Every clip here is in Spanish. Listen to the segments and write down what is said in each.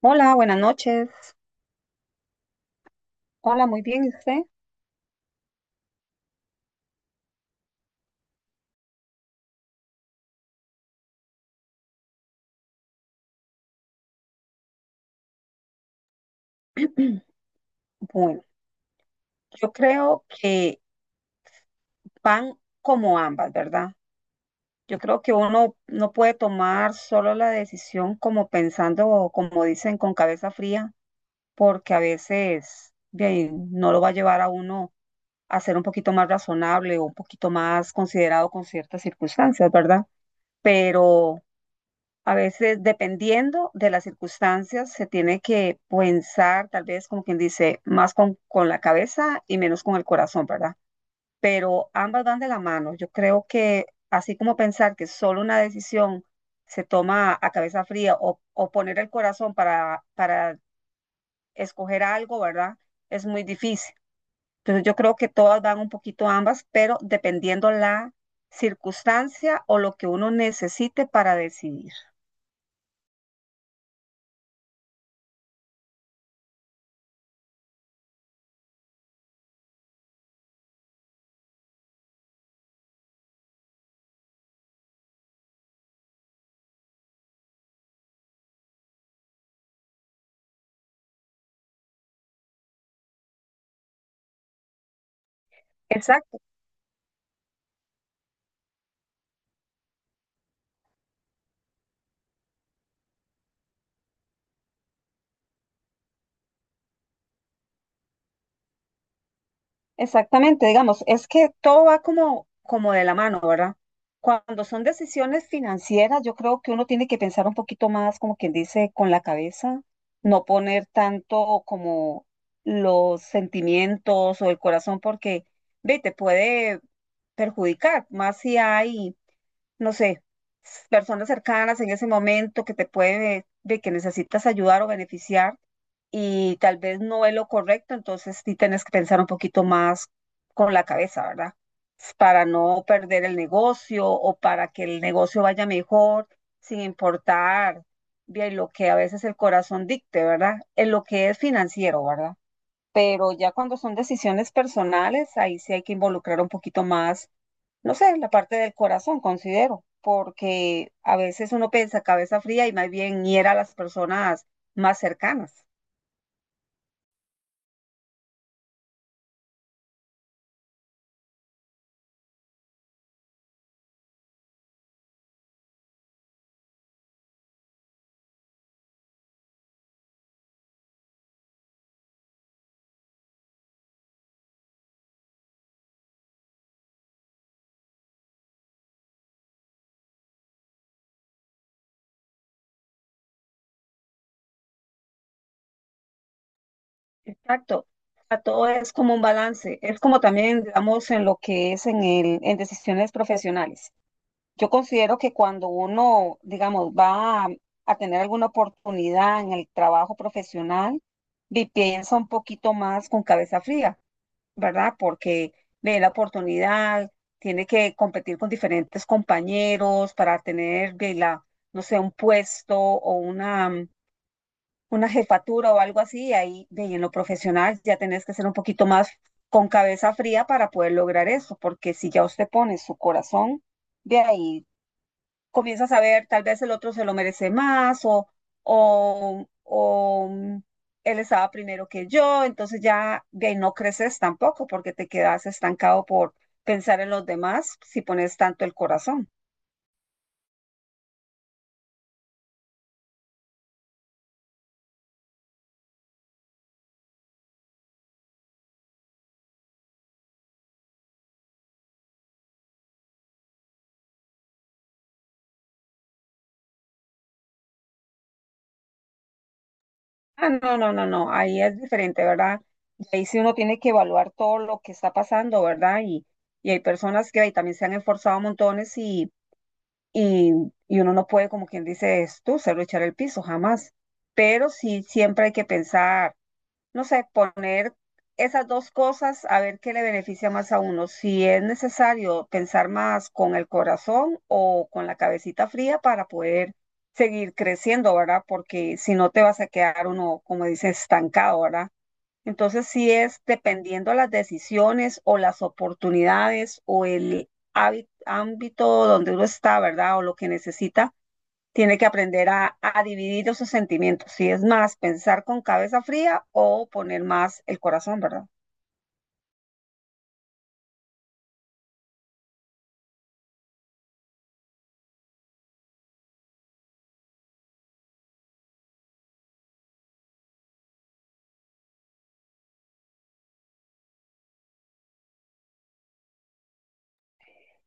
Hola, buenas noches. Hola, muy bien, ¿y usted? Bueno, yo creo que van como ambas, ¿verdad? Yo creo que uno no puede tomar solo la decisión como pensando o como dicen con cabeza fría, porque a veces bien, no lo va a llevar a uno a ser un poquito más razonable o un poquito más considerado con ciertas circunstancias, ¿verdad? Pero a veces, dependiendo de las circunstancias, se tiene que pensar, tal vez como quien dice, más con la cabeza y menos con el corazón, ¿verdad? Pero ambas van de la mano. Yo creo que así como pensar que solo una decisión se toma a cabeza fría o poner el corazón para escoger algo, ¿verdad? Es muy difícil. Entonces yo creo que todas van un poquito ambas, pero dependiendo la circunstancia o lo que uno necesite para decidir. Exacto. Exactamente, digamos, es que todo va como de la mano, ¿verdad? Cuando son decisiones financieras, yo creo que uno tiene que pensar un poquito más, como quien dice, con la cabeza, no poner tanto como los sentimientos o el corazón, porque, ve, te puede perjudicar, más si hay, no sé, personas cercanas en ese momento que te puede, ve, que necesitas ayudar o beneficiar y tal vez no es lo correcto, entonces sí tienes que pensar un poquito más con la cabeza, ¿verdad? Para no perder el negocio o para que el negocio vaya mejor, sin importar bien lo que a veces el corazón dicte, ¿verdad? En lo que es financiero, ¿verdad? Pero ya cuando son decisiones personales, ahí sí hay que involucrar un poquito más, no sé, la parte del corazón, considero, porque a veces uno piensa cabeza fría y más bien hiera a las personas más cercanas. Exacto. A todo es como un balance, es como también, digamos, en lo que es en decisiones profesionales. Yo considero que cuando uno, digamos, va a tener alguna oportunidad en el trabajo profesional, piensa un poquito más con cabeza fría, ¿verdad? Porque ve la oportunidad, tiene que competir con diferentes compañeros para tener, ve la, no sé, un puesto o una jefatura o algo así, y ahí ve, y en lo profesional ya tenés que ser un poquito más con cabeza fría para poder lograr eso, porque si ya usted pone su corazón, de ahí comienzas a ver, tal vez el otro se lo merece más o, él estaba primero que yo, entonces ya de ahí no creces tampoco porque te quedas estancado por pensar en los demás si pones tanto el corazón. Ah, no, no, no, no, ahí es diferente, ¿verdad? Y ahí sí uno tiene que evaluar todo lo que está pasando, ¿verdad? Y y hay personas que ahí también se han esforzado montones, y, y uno no puede, como quien dice, es tú, se lo echar el piso, jamás. Pero sí, siempre hay que pensar, no sé, poner esas dos cosas a ver qué le beneficia más a uno. Si es necesario pensar más con el corazón o con la cabecita fría para poder seguir creciendo, ¿verdad? Porque si no te vas a quedar uno, como dice, estancado, ¿verdad? Entonces sí es dependiendo las decisiones o las oportunidades o el ámbito donde uno está, ¿verdad? O lo que necesita tiene que aprender a dividir esos sentimientos. Si es más pensar con cabeza fría o poner más el corazón, ¿verdad?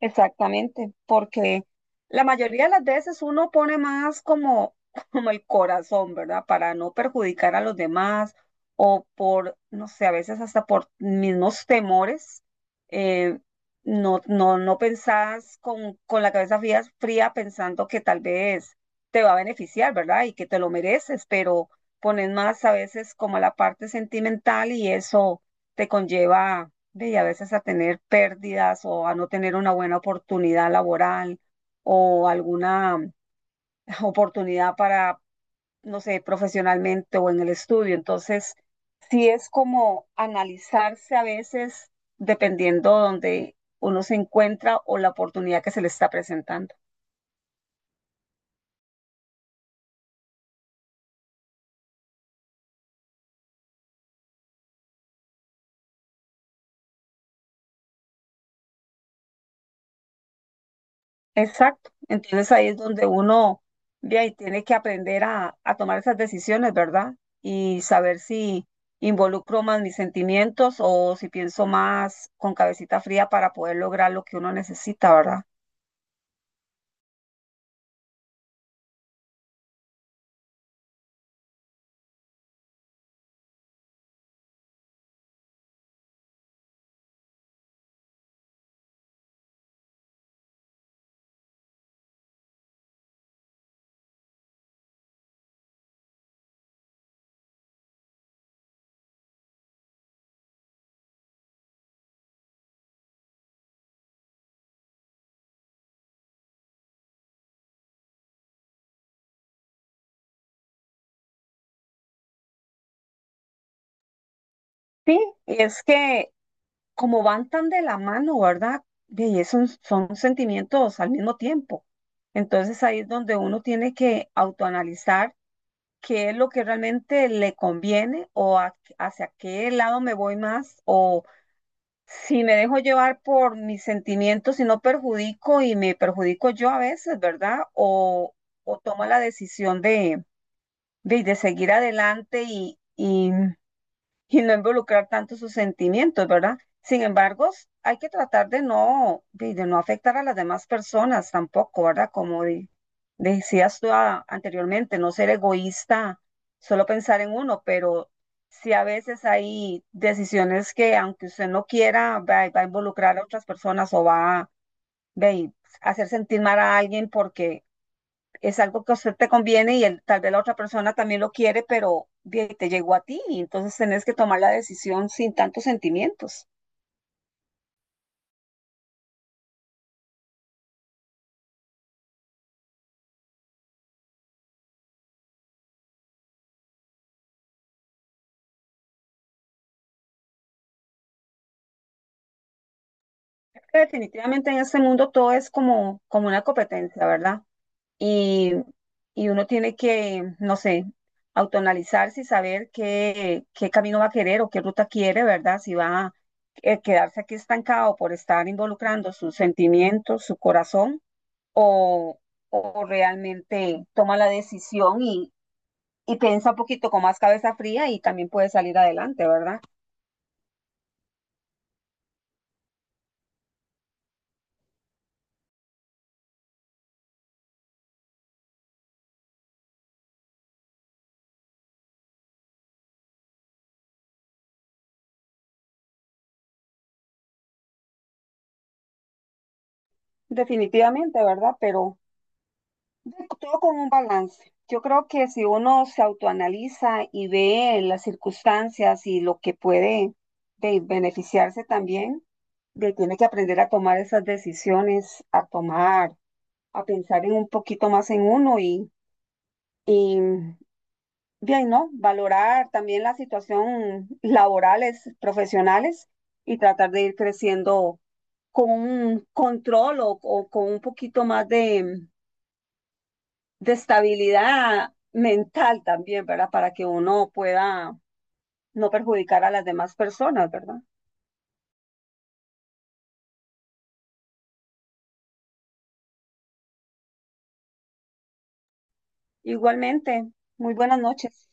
Exactamente, porque la mayoría de las veces uno pone más como, como el corazón, ¿verdad? Para no perjudicar a los demás o por, no sé, a veces hasta por mismos temores, eh, no pensás con la cabeza fría, fría pensando que tal vez te va a beneficiar, ¿verdad? Y que te lo mereces, pero pones más a veces como la parte sentimental y eso te conlleva. Ve, y a veces a tener pérdidas o a no tener una buena oportunidad laboral o alguna oportunidad para, no sé, profesionalmente o en el estudio. Entonces, sí es como analizarse a veces dependiendo donde uno se encuentra o la oportunidad que se le está presentando. Exacto. Entonces ahí es donde uno ve ahí tiene que aprender a tomar esas decisiones, ¿verdad? Y saber si involucro más mis sentimientos o si pienso más con cabecita fría para poder lograr lo que uno necesita, ¿verdad? Sí, y es que como van tan de la mano, ¿verdad? Ve, y es son sentimientos al mismo tiempo. Entonces ahí es donde uno tiene que autoanalizar qué es lo que realmente le conviene o hacia qué lado me voy más, o si me dejo llevar por mis sentimientos y no perjudico y me perjudico yo a veces, ¿verdad? O o tomo la decisión de seguir adelante y no involucrar tanto sus sentimientos, ¿verdad? Sin embargo, hay que tratar de no, de no afectar a las demás personas tampoco, ¿verdad? Como decías tú anteriormente, no ser egoísta, solo pensar en uno, pero sí a veces hay decisiones que aunque usted no quiera, va a involucrar a otras personas o va a, ve, hacer sentir mal a alguien porque es algo que a usted te conviene y tal vez la otra persona también lo quiere, pero bien, te llegó a ti y entonces tenés que tomar la decisión sin tantos sentimientos. Que definitivamente en este mundo todo es como una competencia, ¿verdad? Y y uno tiene que, no sé, autonalizarse y saber qué, qué camino va a querer o qué ruta quiere, ¿verdad? Si va a quedarse aquí estancado por estar involucrando sus sentimientos, su corazón, o, o realmente toma la decisión y piensa un poquito con más cabeza fría y también puede salir adelante, ¿verdad? Definitivamente, ¿verdad? Pero todo con un balance. Yo creo que si uno se autoanaliza y ve las circunstancias y lo que puede de beneficiarse también, de, tiene que aprender a tomar esas decisiones, a tomar, a pensar en un poquito más en uno y bien, ¿no? Valorar también la situación laborales, profesionales y tratar de ir creciendo con un control o con un poquito más de estabilidad mental también, ¿verdad? Para que uno pueda no perjudicar a las demás personas, ¿verdad? Igualmente, muy buenas noches.